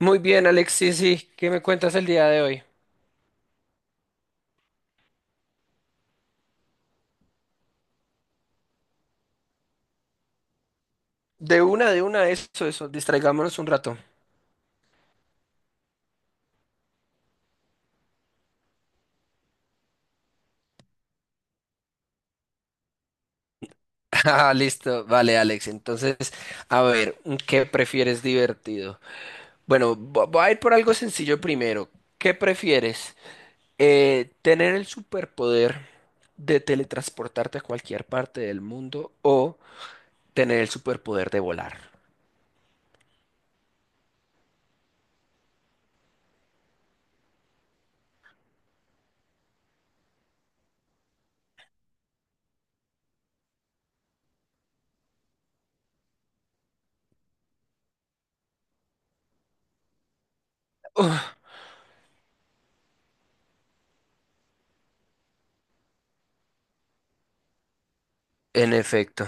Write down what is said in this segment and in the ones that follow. Muy bien, Alexis, sí, ¿qué me cuentas el día de hoy? De una, eso, distraigámonos un rato. Ah, listo, vale, Alex. Entonces, a ver, ¿qué prefieres divertido? Bueno, voy a ir por algo sencillo primero. ¿Qué prefieres? ¿Tener el superpoder de teletransportarte a cualquier parte del mundo o tener el superpoder de volar? En efecto.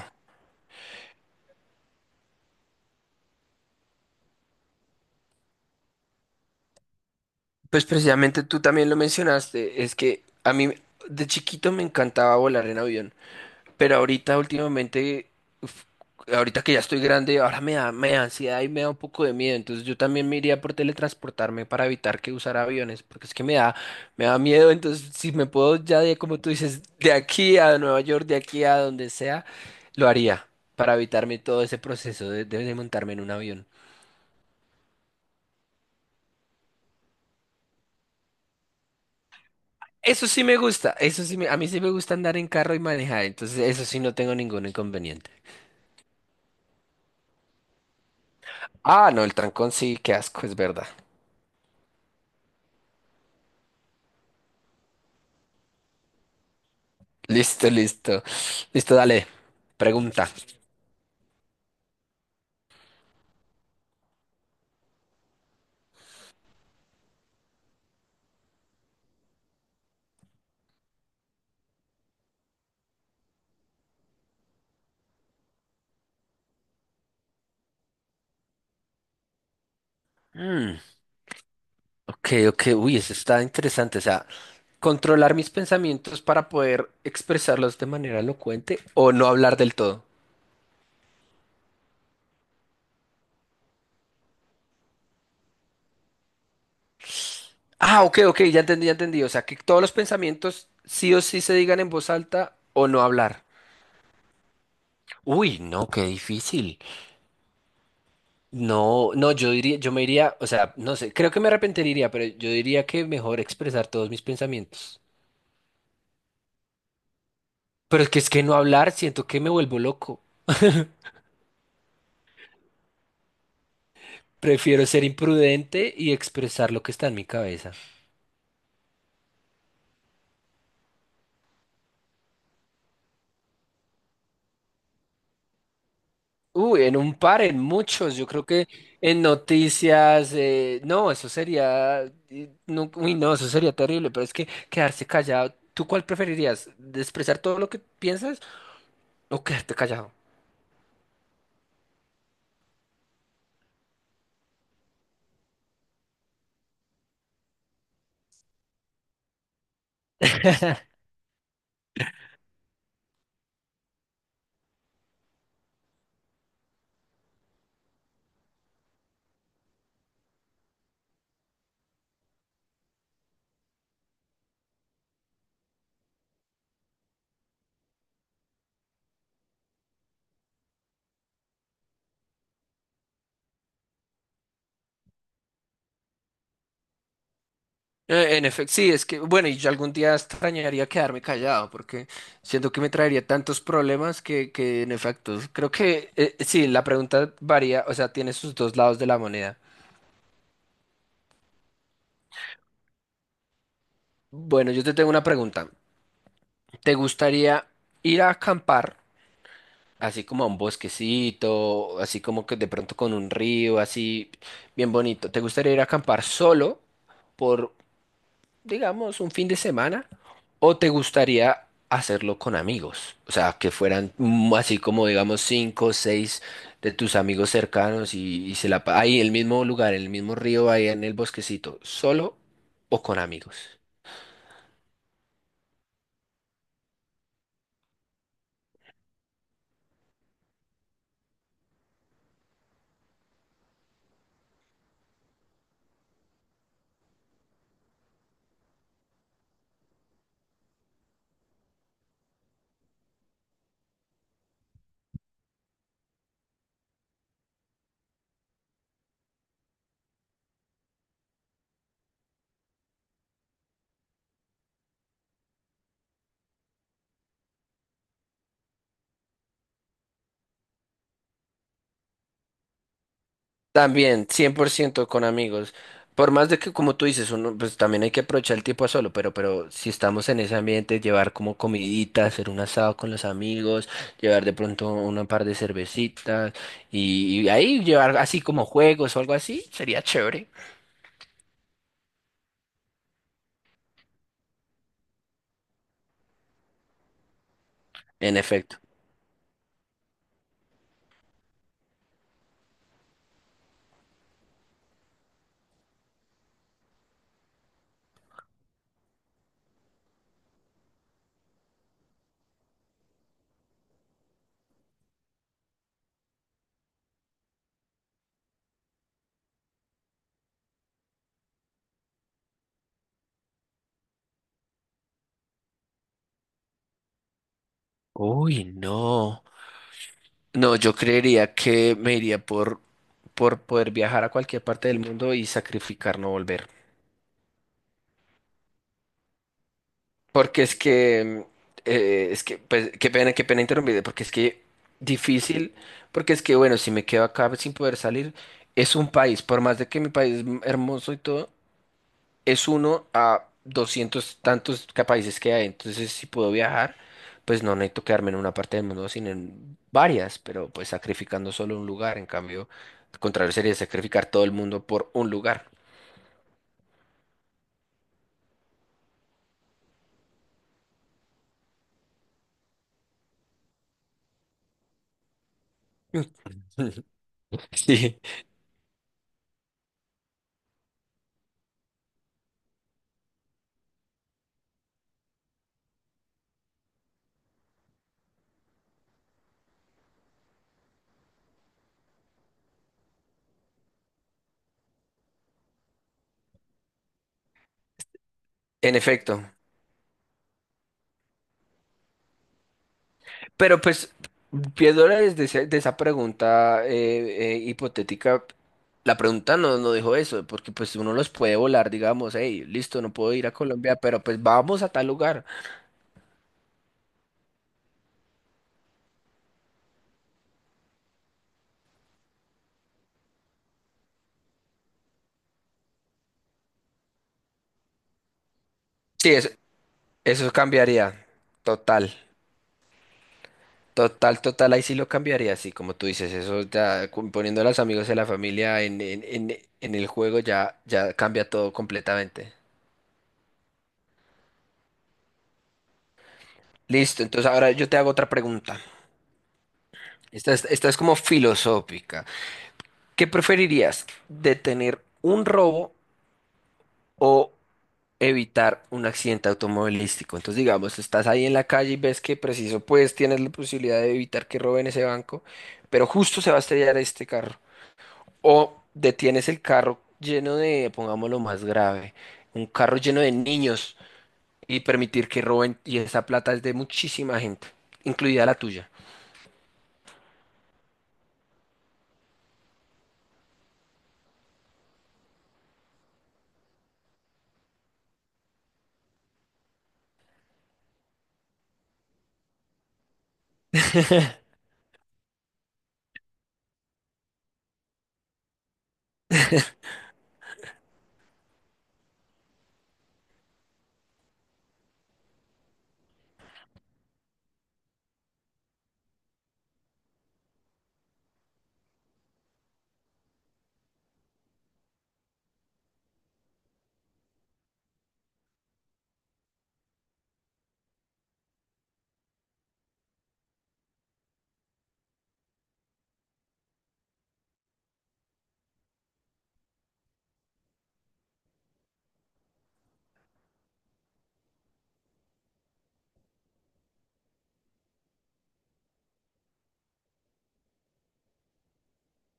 Pues precisamente tú también lo mencionaste, es que a mí de chiquito me encantaba volar en avión. Pero ahorita últimamente, uf, ahorita que ya estoy grande, ahora me da ansiedad y me da un poco de miedo. Entonces yo también me iría por teletransportarme para evitar que usar aviones, porque es que me da miedo. Entonces si me puedo ya de, como tú dices, de aquí a Nueva York, de aquí a donde sea, lo haría para evitarme todo ese proceso de, de montarme en un avión. Eso sí me gusta, a mí sí me gusta andar en carro y manejar, entonces eso sí no tengo ningún inconveniente. Ah, no, el trancón sí, qué asco, es verdad. Listo, listo. Listo, dale. Pregunta. Mm, ok, ok. Uy, eso está interesante. O sea, controlar mis pensamientos para poder expresarlos de manera elocuente o no hablar del todo. Ah, ok, ok, ya entendí, ya entendí. O sea, que todos los pensamientos sí o sí se digan en voz alta o no hablar. Uy, no, qué difícil. No, no, yo diría, yo me iría, o sea, no sé, creo que me arrepentiría, pero yo diría que mejor expresar todos mis pensamientos. Pero es que no hablar, siento que me vuelvo loco. Prefiero ser imprudente y expresar lo que está en mi cabeza. Uy, en un par, en muchos. Yo creo que en noticias, no, eso sería, no, uy, no, eso sería terrible, pero es que quedarse callado. ¿Tú cuál preferirías? ¿De ¿Expresar todo lo que piensas o quedarte callado? En efecto, sí, es que, bueno, y yo algún día extrañaría quedarme callado porque siento que me traería tantos problemas que en efecto, creo que, sí, la pregunta varía, o sea, tiene sus dos lados de la moneda. Bueno, yo te tengo una pregunta. ¿Te gustaría ir a acampar, así como a un bosquecito, así como que de pronto con un río, así bien bonito? ¿Te gustaría ir a acampar solo por, digamos, un fin de semana? ¿O te gustaría hacerlo con amigos? O sea, que fueran así como, digamos, cinco o seis de tus amigos cercanos y se la... pa- Ahí, en el mismo lugar, en el mismo río, ahí en el bosquecito, ¿solo o con amigos? También, 100% con amigos. Por más de que, como tú dices, uno, pues también hay que aprovechar el tiempo a solo, pero si estamos en ese ambiente, llevar como comidita, hacer un asado con los amigos, llevar de pronto una par de cervecitas y ahí llevar así como juegos o algo así, sería chévere. En efecto. Uy, no. No, yo creería que me iría por poder viajar a cualquier parte del mundo y sacrificar no volver. Porque es que, pues, qué pena interrumpirte, porque es que difícil, porque es que, bueno, si me quedo acá sin poder salir, es un país, por más de que mi país es hermoso y todo, es uno a doscientos tantos países que hay, entonces si puedo viajar, pues no necesito quedarme en una parte del mundo, sino en varias, pero pues sacrificando solo un lugar, en cambio, al contrario sería sacrificar todo el mundo por un lugar. Sí, en efecto. Pero pues, viéndola desde de esa pregunta hipotética, la pregunta no, no dijo eso, porque pues uno los puede volar, digamos, hey, listo, no puedo ir a Colombia, pero pues vamos a tal lugar. Sí, eso cambiaría, total, total, total, ahí sí lo cambiaría, sí, como tú dices, eso ya poniendo a los amigos de la familia en el juego ya, ya cambia todo completamente. Listo, entonces ahora yo te hago otra pregunta. Esta es como filosófica. ¿Qué preferirías? ¿Detener un robo o evitar un accidente automovilístico? Entonces, digamos, estás ahí en la calle y ves que preciso, pues tienes la posibilidad de evitar que roben ese banco, pero justo se va a estrellar este carro. O detienes el carro lleno de, pongámoslo más grave, un carro lleno de niños y permitir que roben y esa plata es de muchísima gente, incluida la tuya.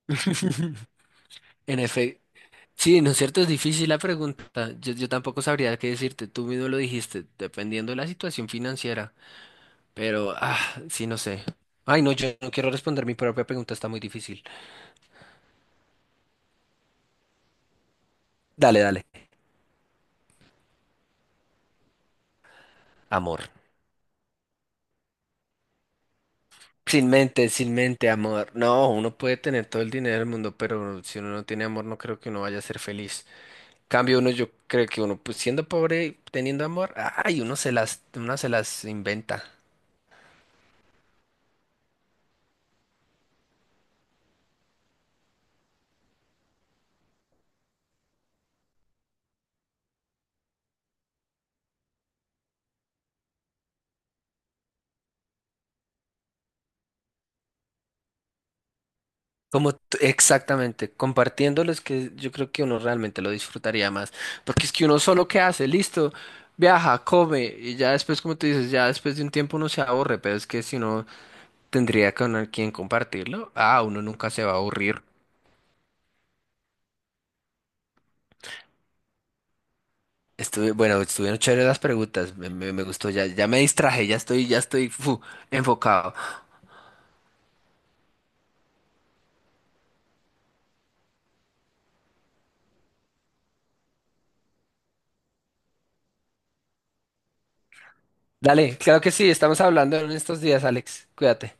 En efecto. Sí, ¿no es cierto? Es difícil la pregunta. Yo tampoco sabría qué decirte. Tú mismo lo dijiste, dependiendo de la situación financiera. Pero, ah, sí, no sé. Ay, no, yo no quiero responder mi propia pregunta, está muy difícil. Dale, dale. Amor. Sin mente, sin mente, amor. No, uno puede tener todo el dinero del mundo, pero si uno no tiene amor, no creo que uno vaya a ser feliz. Cambio uno, yo creo que uno, pues siendo pobre, teniendo amor, ay, uno se las inventa. Exactamente, compartiéndolo es que yo creo que uno realmente lo disfrutaría más, porque es que uno solo qué hace, listo, viaja, come y ya después, como tú dices, ya después de un tiempo uno se aburre, pero es que si uno tendría con quien compartirlo, ah, uno nunca se va a aburrir. Estuve, bueno, estuvieron chéveres las preguntas, me gustó, ya, ya me distraje, ya estoy fu, enfocado. Dale, claro que sí, estamos hablando en estos días, Alex, cuídate.